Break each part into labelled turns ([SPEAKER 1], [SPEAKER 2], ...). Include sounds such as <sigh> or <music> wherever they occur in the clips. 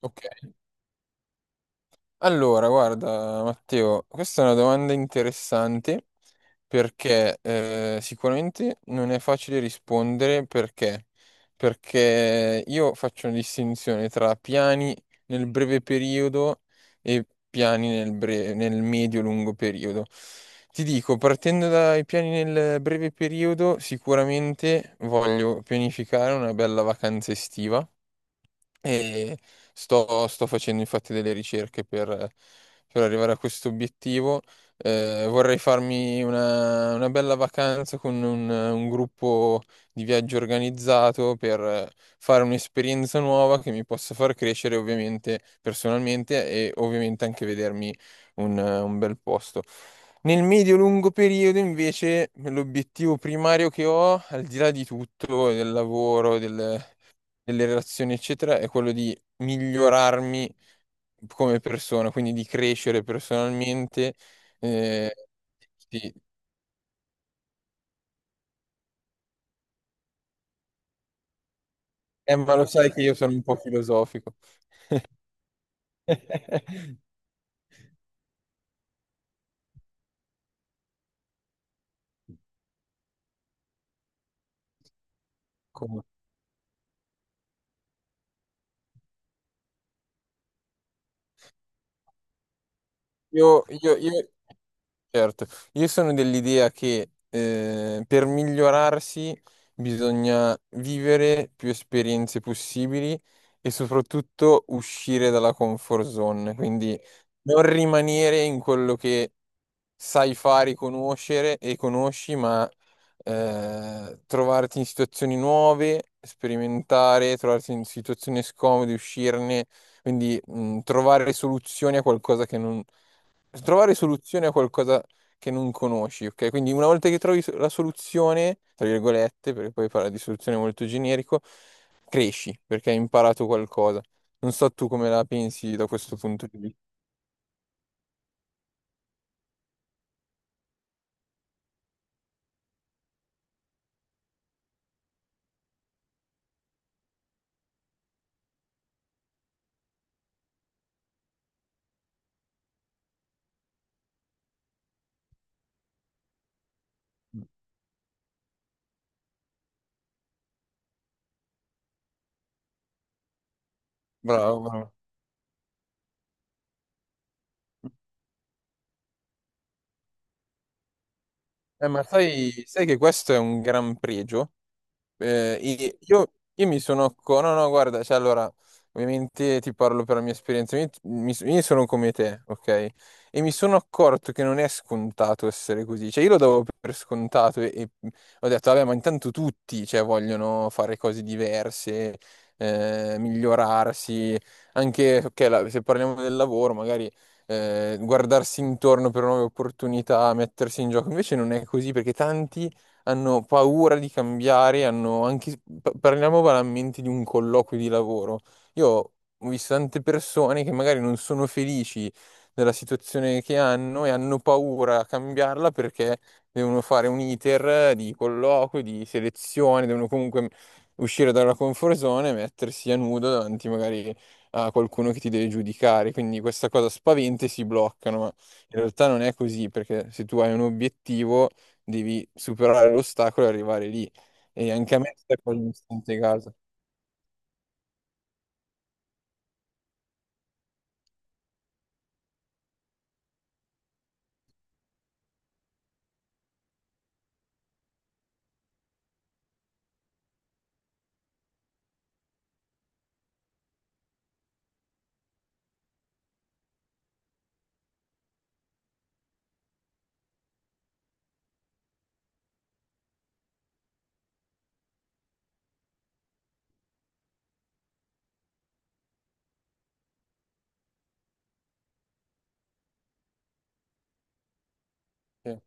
[SPEAKER 1] Ok, allora guarda Matteo, questa è una domanda interessante perché sicuramente non è facile rispondere perché io faccio una distinzione tra piani nel breve periodo e piani nel medio-lungo periodo. Ti dico, partendo dai piani nel breve periodo, sicuramente voglio pianificare una bella vacanza estiva e sto facendo infatti delle ricerche per arrivare a questo obiettivo. Vorrei farmi una bella vacanza con un gruppo di viaggio organizzato per fare un'esperienza nuova che mi possa far crescere ovviamente personalmente e ovviamente anche vedermi un bel posto. Nel medio-lungo periodo, invece, l'obiettivo primario che ho, al di là di tutto, del lavoro, delle relazioni, eccetera, è quello di migliorarmi come persona, quindi di crescere personalmente. Eh, sì. Ma lo sai che io sono un po' filosofico. <laughs> Come? Io, io, io- Certo, io sono dell'idea che per migliorarsi bisogna vivere più esperienze possibili e soprattutto uscire dalla comfort zone, quindi non rimanere in quello che sai fare, conoscere e conosci, ma trovarti in situazioni nuove, sperimentare, trovarti in situazioni scomode, uscirne, quindi trovare soluzioni a qualcosa che non Trovare soluzione a qualcosa che non conosci, ok? Quindi una volta che la soluzione, tra virgolette, perché poi parla di soluzione molto generico, cresci perché hai imparato qualcosa. Non so tu come la pensi da questo punto di vista. Bravo, bravo. Ma sai, sai che questo è un gran pregio. I- io mi sono... co- No, no, guarda, cioè allora, ovviamente ti parlo per la mia esperienza, io sono come te, ok? E mi sono accorto che non è scontato essere così, cioè io lo davo per scontato e ho detto, vabbè, ma intanto tutti, cioè, vogliono fare cose diverse, migliorarsi, anche, ok, se parliamo del lavoro, magari guardarsi intorno per nuove opportunità, mettersi in gioco, invece non è così perché tanti hanno paura di cambiare, hanno anche, parliamo banalmente di un colloquio di lavoro. Io ho visto tante persone che magari non sono felici della situazione che hanno e hanno paura a cambiarla perché devono fare un iter di colloquio, di selezione, devono comunque uscire dalla comfort zone e mettersi a nudo davanti magari a qualcuno che ti deve giudicare. Quindi questa cosa spaventa e si bloccano, ma in realtà non è così, perché se tu hai un obiettivo devi superare l'ostacolo e arrivare lì. E anche a me sta cosa mi sta integrata. Sì.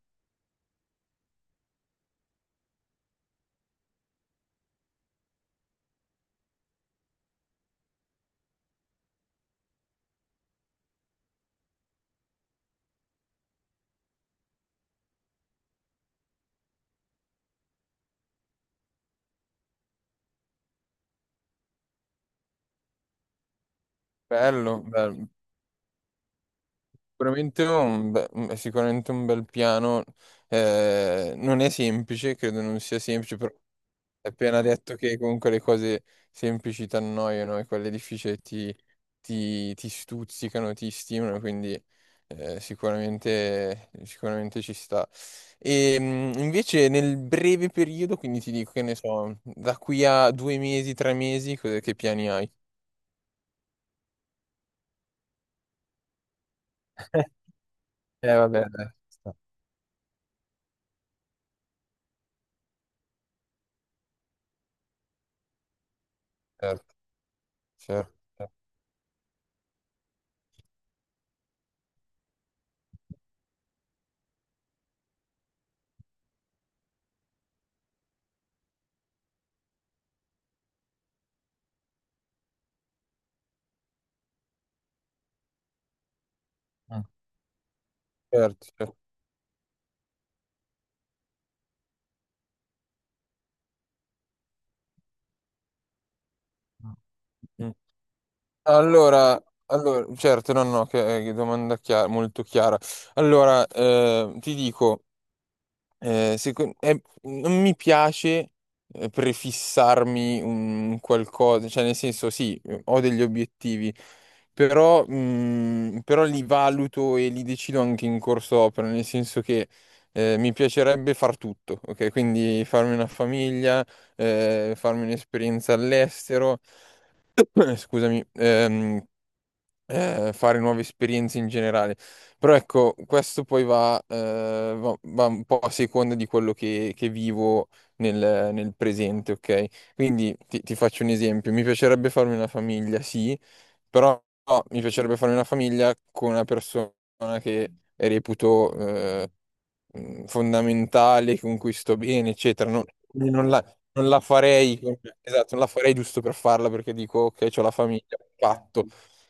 [SPEAKER 1] Bello, bello. Sicuramente è sicuramente un bel piano. Non è semplice, credo non sia semplice, però hai appena detto che comunque le cose semplici ti annoiano e quelle difficili ti stuzzicano, ti stimolano, quindi sicuramente, sicuramente ci sta. E invece nel breve periodo, quindi ti dico che ne so, da qui a due mesi, tre mesi, che piani hai? Vabbè, dai, ci sta. Certo, certo, certo. Mm. Certo, certo. Mm. Mm. Allora, allora, certo, no, no, che domanda chiara, molto chiara. Allora, ti dico, non mi piace prefissarmi un qualcosa, cioè nel senso sì, ho degli obiettivi, però, però li valuto e li decido anche in corso opera, nel senso che mi piacerebbe far tutto, ok? Quindi farmi una famiglia, farmi un'esperienza all'estero. <clears throat> Scusami, fare nuove esperienze in generale. Però ecco, questo poi va, va un po' a seconda di quello che vivo nel presente, ok? Quindi ti faccio un esempio. Mi piacerebbe farmi una famiglia, sì, però no, mi piacerebbe farmi una famiglia con una persona che reputo, fondamentale, con cui sto bene, eccetera. Non, quindi non la, non la farei, esatto, non la farei giusto per farla perché dico, ok, ho la famiglia, patto.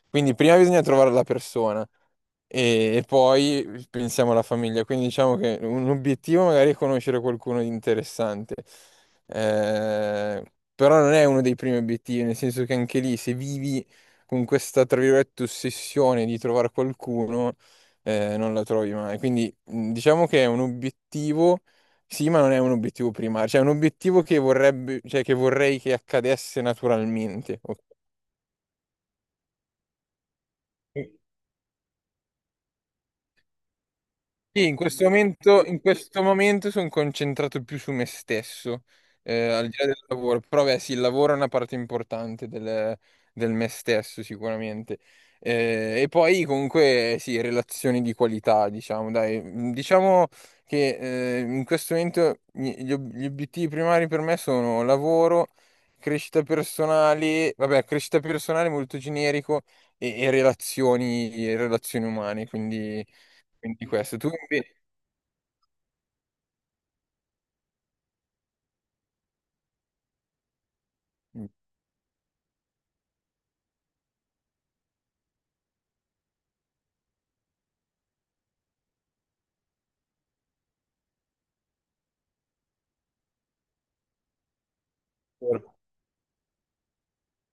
[SPEAKER 1] Quindi prima bisogna trovare la persona e poi pensiamo alla famiglia. Quindi diciamo che un obiettivo magari è conoscere qualcuno di interessante. Eh, però non è uno dei primi obiettivi, nel senso che anche lì se vivi con questa, tra virgolette, ossessione di trovare qualcuno, non la trovi mai. Quindi diciamo che è un obiettivo, sì, ma non è un obiettivo primario, cioè è un obiettivo che vorrebbe, cioè che vorrei che accadesse naturalmente. Ok? Sì, in questo momento sono concentrato più su me stesso, al di là del lavoro, però beh, sì, il lavoro è una parte importante del me stesso sicuramente. E poi comunque sì, relazioni di qualità, diciamo, dai. Mm, diciamo che in questo momento gli obiettivi primari per me sono lavoro, crescita personale, vabbè, crescita personale molto generico e relazioni umane, quindi... Quindi vero,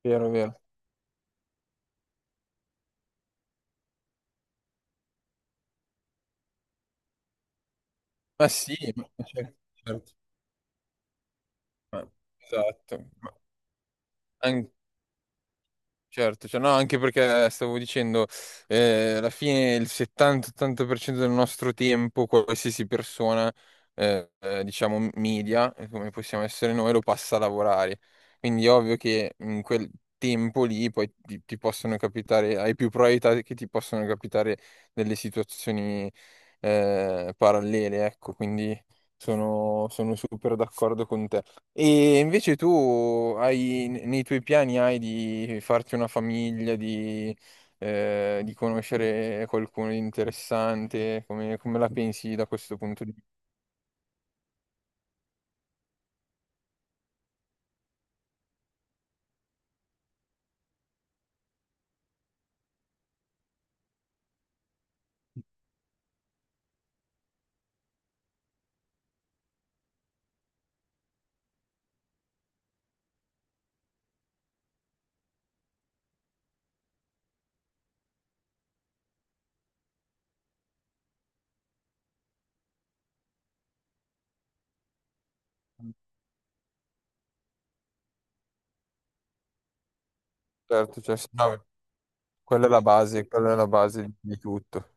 [SPEAKER 1] vero, vero. Ma sì, ma- ma cer- certo, ma- esatto. An- Certo, cioè, no, anche perché stavo dicendo, alla fine il 70-80% del nostro tempo, qualsiasi persona, diciamo, media, come possiamo essere noi, lo passa a lavorare. Quindi è ovvio che in quel tempo lì poi ti possono capitare, hai più probabilità che ti possano capitare delle situazioni, parallele, ecco, quindi sono super d'accordo con te. E invece tu hai, nei tuoi piani hai di farti una famiglia, di conoscere qualcuno di interessante, come la pensi da questo punto di vista? Certo, cioè, sì, no, quella è la base, quella è la base di tutto.